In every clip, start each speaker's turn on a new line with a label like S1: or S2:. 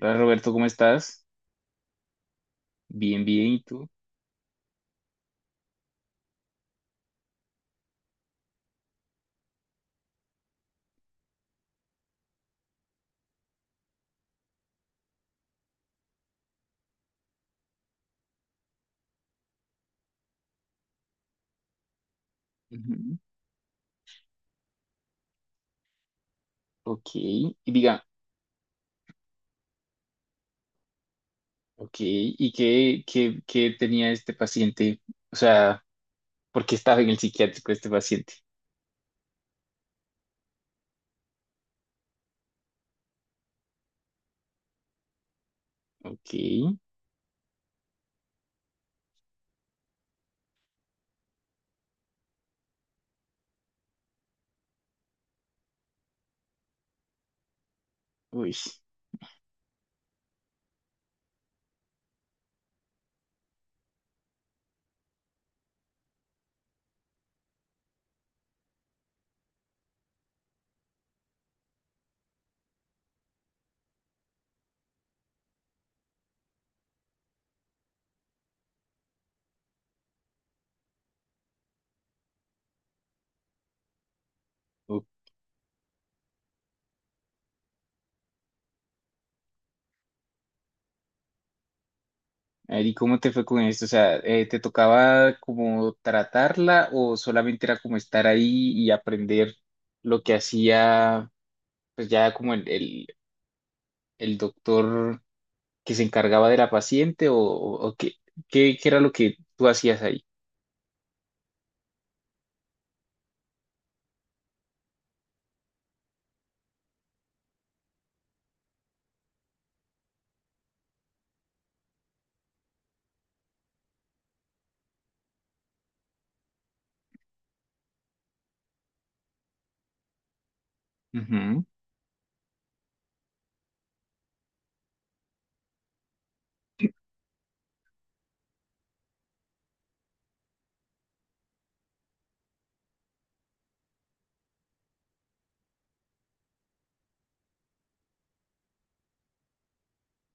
S1: Hola Roberto, ¿cómo estás? Bien, bien, ¿y tú? Ujú. Ok, y diga, ok, ¿y qué, qué tenía este paciente? O sea, ¿por qué estaba en el psiquiátrico este paciente? Ok, uy, ok. A ver, ¿y cómo te fue con esto? O sea, ¿te tocaba como tratarla o solamente era como estar ahí y aprender lo que hacía, pues ya como el doctor que se encargaba de la paciente o qué, qué era lo que tú hacías ahí? Ujú.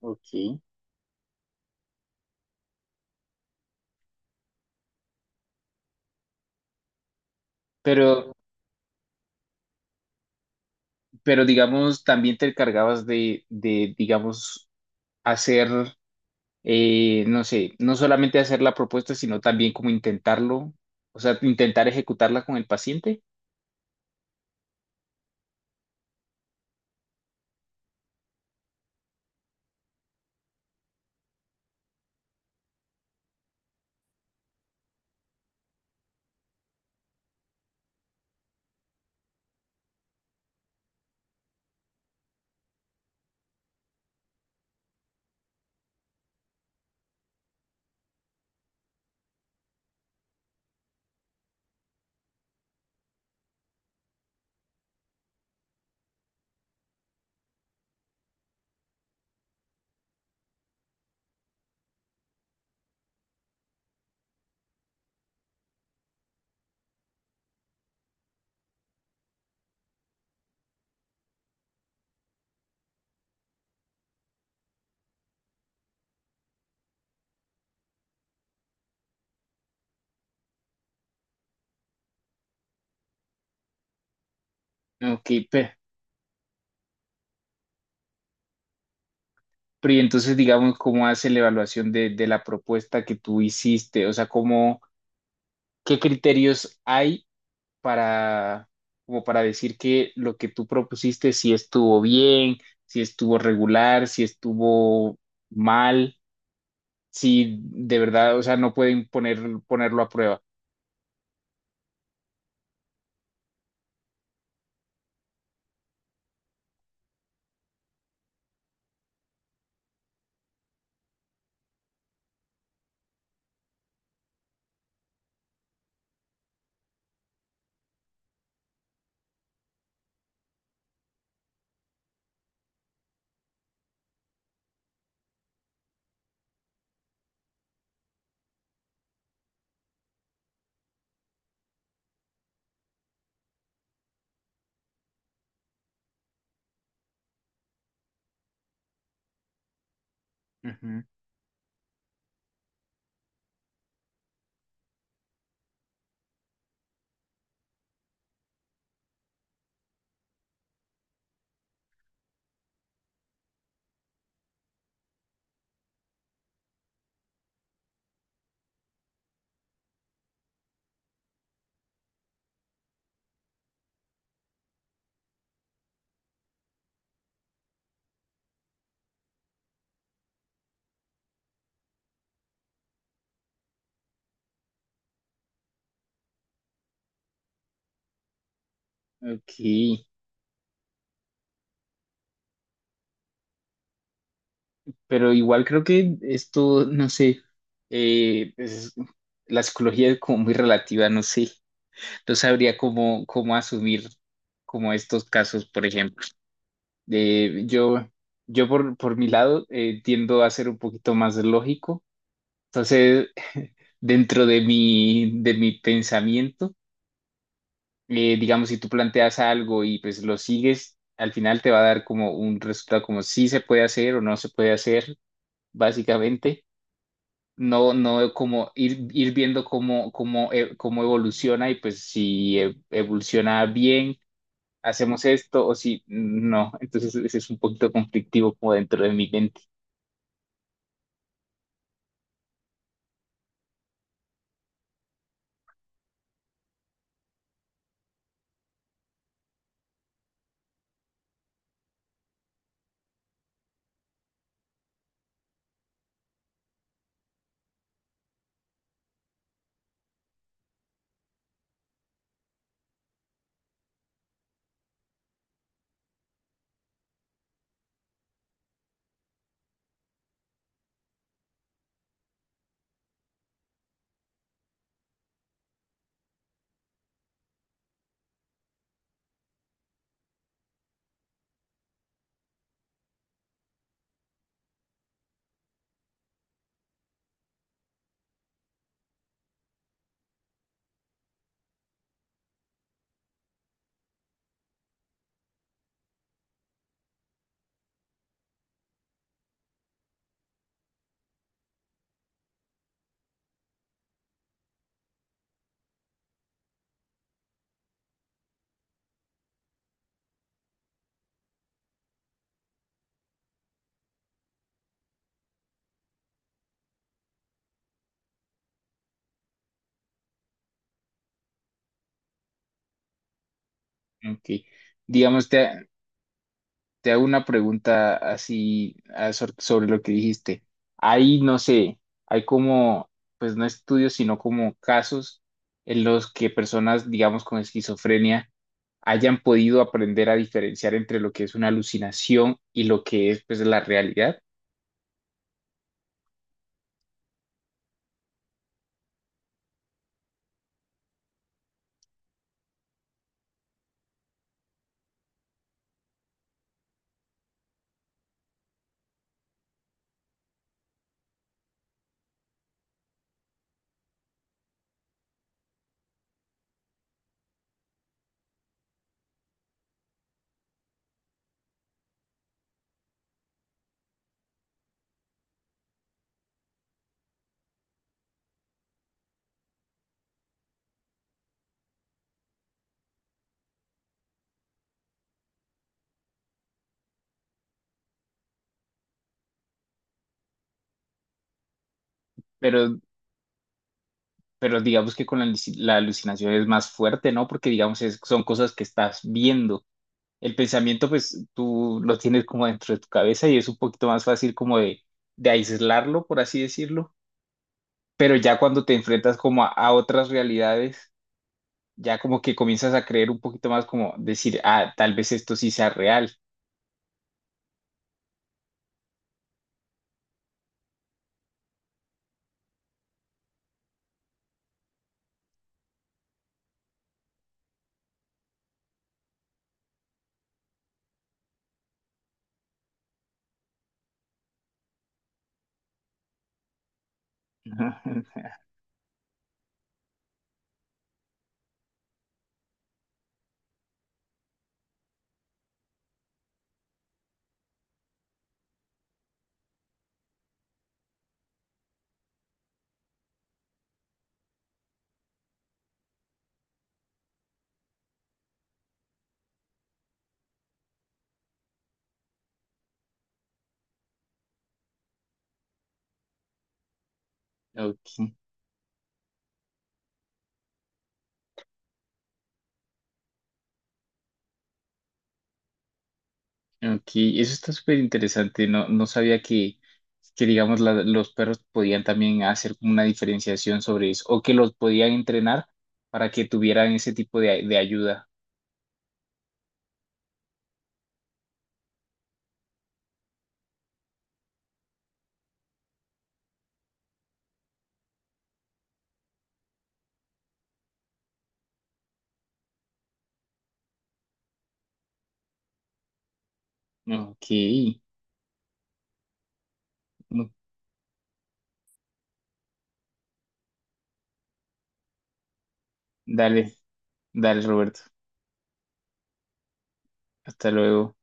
S1: Ok. Pero, pero digamos, también te encargabas digamos, hacer, no sé, no solamente hacer la propuesta, sino también como intentarlo, o sea, intentar ejecutarla con el paciente. Ok, pero, y entonces, digamos, ¿cómo hace la evaluación de la propuesta que tú hiciste? O sea, ¿cómo, qué criterios hay para, como para decir que lo que tú propusiste si estuvo bien, si estuvo regular, si estuvo mal, si de verdad, o sea, no pueden poner, ponerlo a prueba? Ujú. Ok, pero igual creo que esto, no sé, eh, es- la psicología es como muy relativa, no sé, no sabría cómo, cómo asumir como estos casos, por ejemplo. Eh, yo, yo por mi lado tiendo a ser un poquito más lógico. Entonces, dentro de mi pensamiento, digamos, si tú planteas algo y pues lo sigues, al final te va a dar como un resultado como si se puede hacer o no se puede hacer, básicamente. No, no como ir, ir viendo cómo, cómo, cómo evoluciona y pues si evoluciona bien, hacemos esto o si no. Entonces, ese es un poquito conflictivo como dentro de mi mente. Ok. Digamos, te hago una pregunta así ah, sobre lo que dijiste. Hay, no sé, hay como, pues no estudios, sino como casos en los que personas, digamos, con esquizofrenia hayan podido aprender a diferenciar entre lo que es una alucinación y lo que es, pues, la realidad. Pero, pero digamos que con la alucinación es más fuerte, ¿no? Porque, digamos, son cosas que estás viendo. El pensamiento, pues tú lo tienes como dentro de tu cabeza y es un poquito más fácil como de aislarlo, por así decirlo. Pero ya cuando te enfrentas como a otras realidades, ya como que comienzas a creer un poquito más como decir, ah, tal vez esto sí sea real. Ok, ok, eso está súper interesante. No, no sabía que digamos, los perros podían también hacer como una diferenciación sobre eso o que los podían entrenar para que tuvieran ese tipo de ayuda. Ok, dale, dale, Roberto. Hasta luego.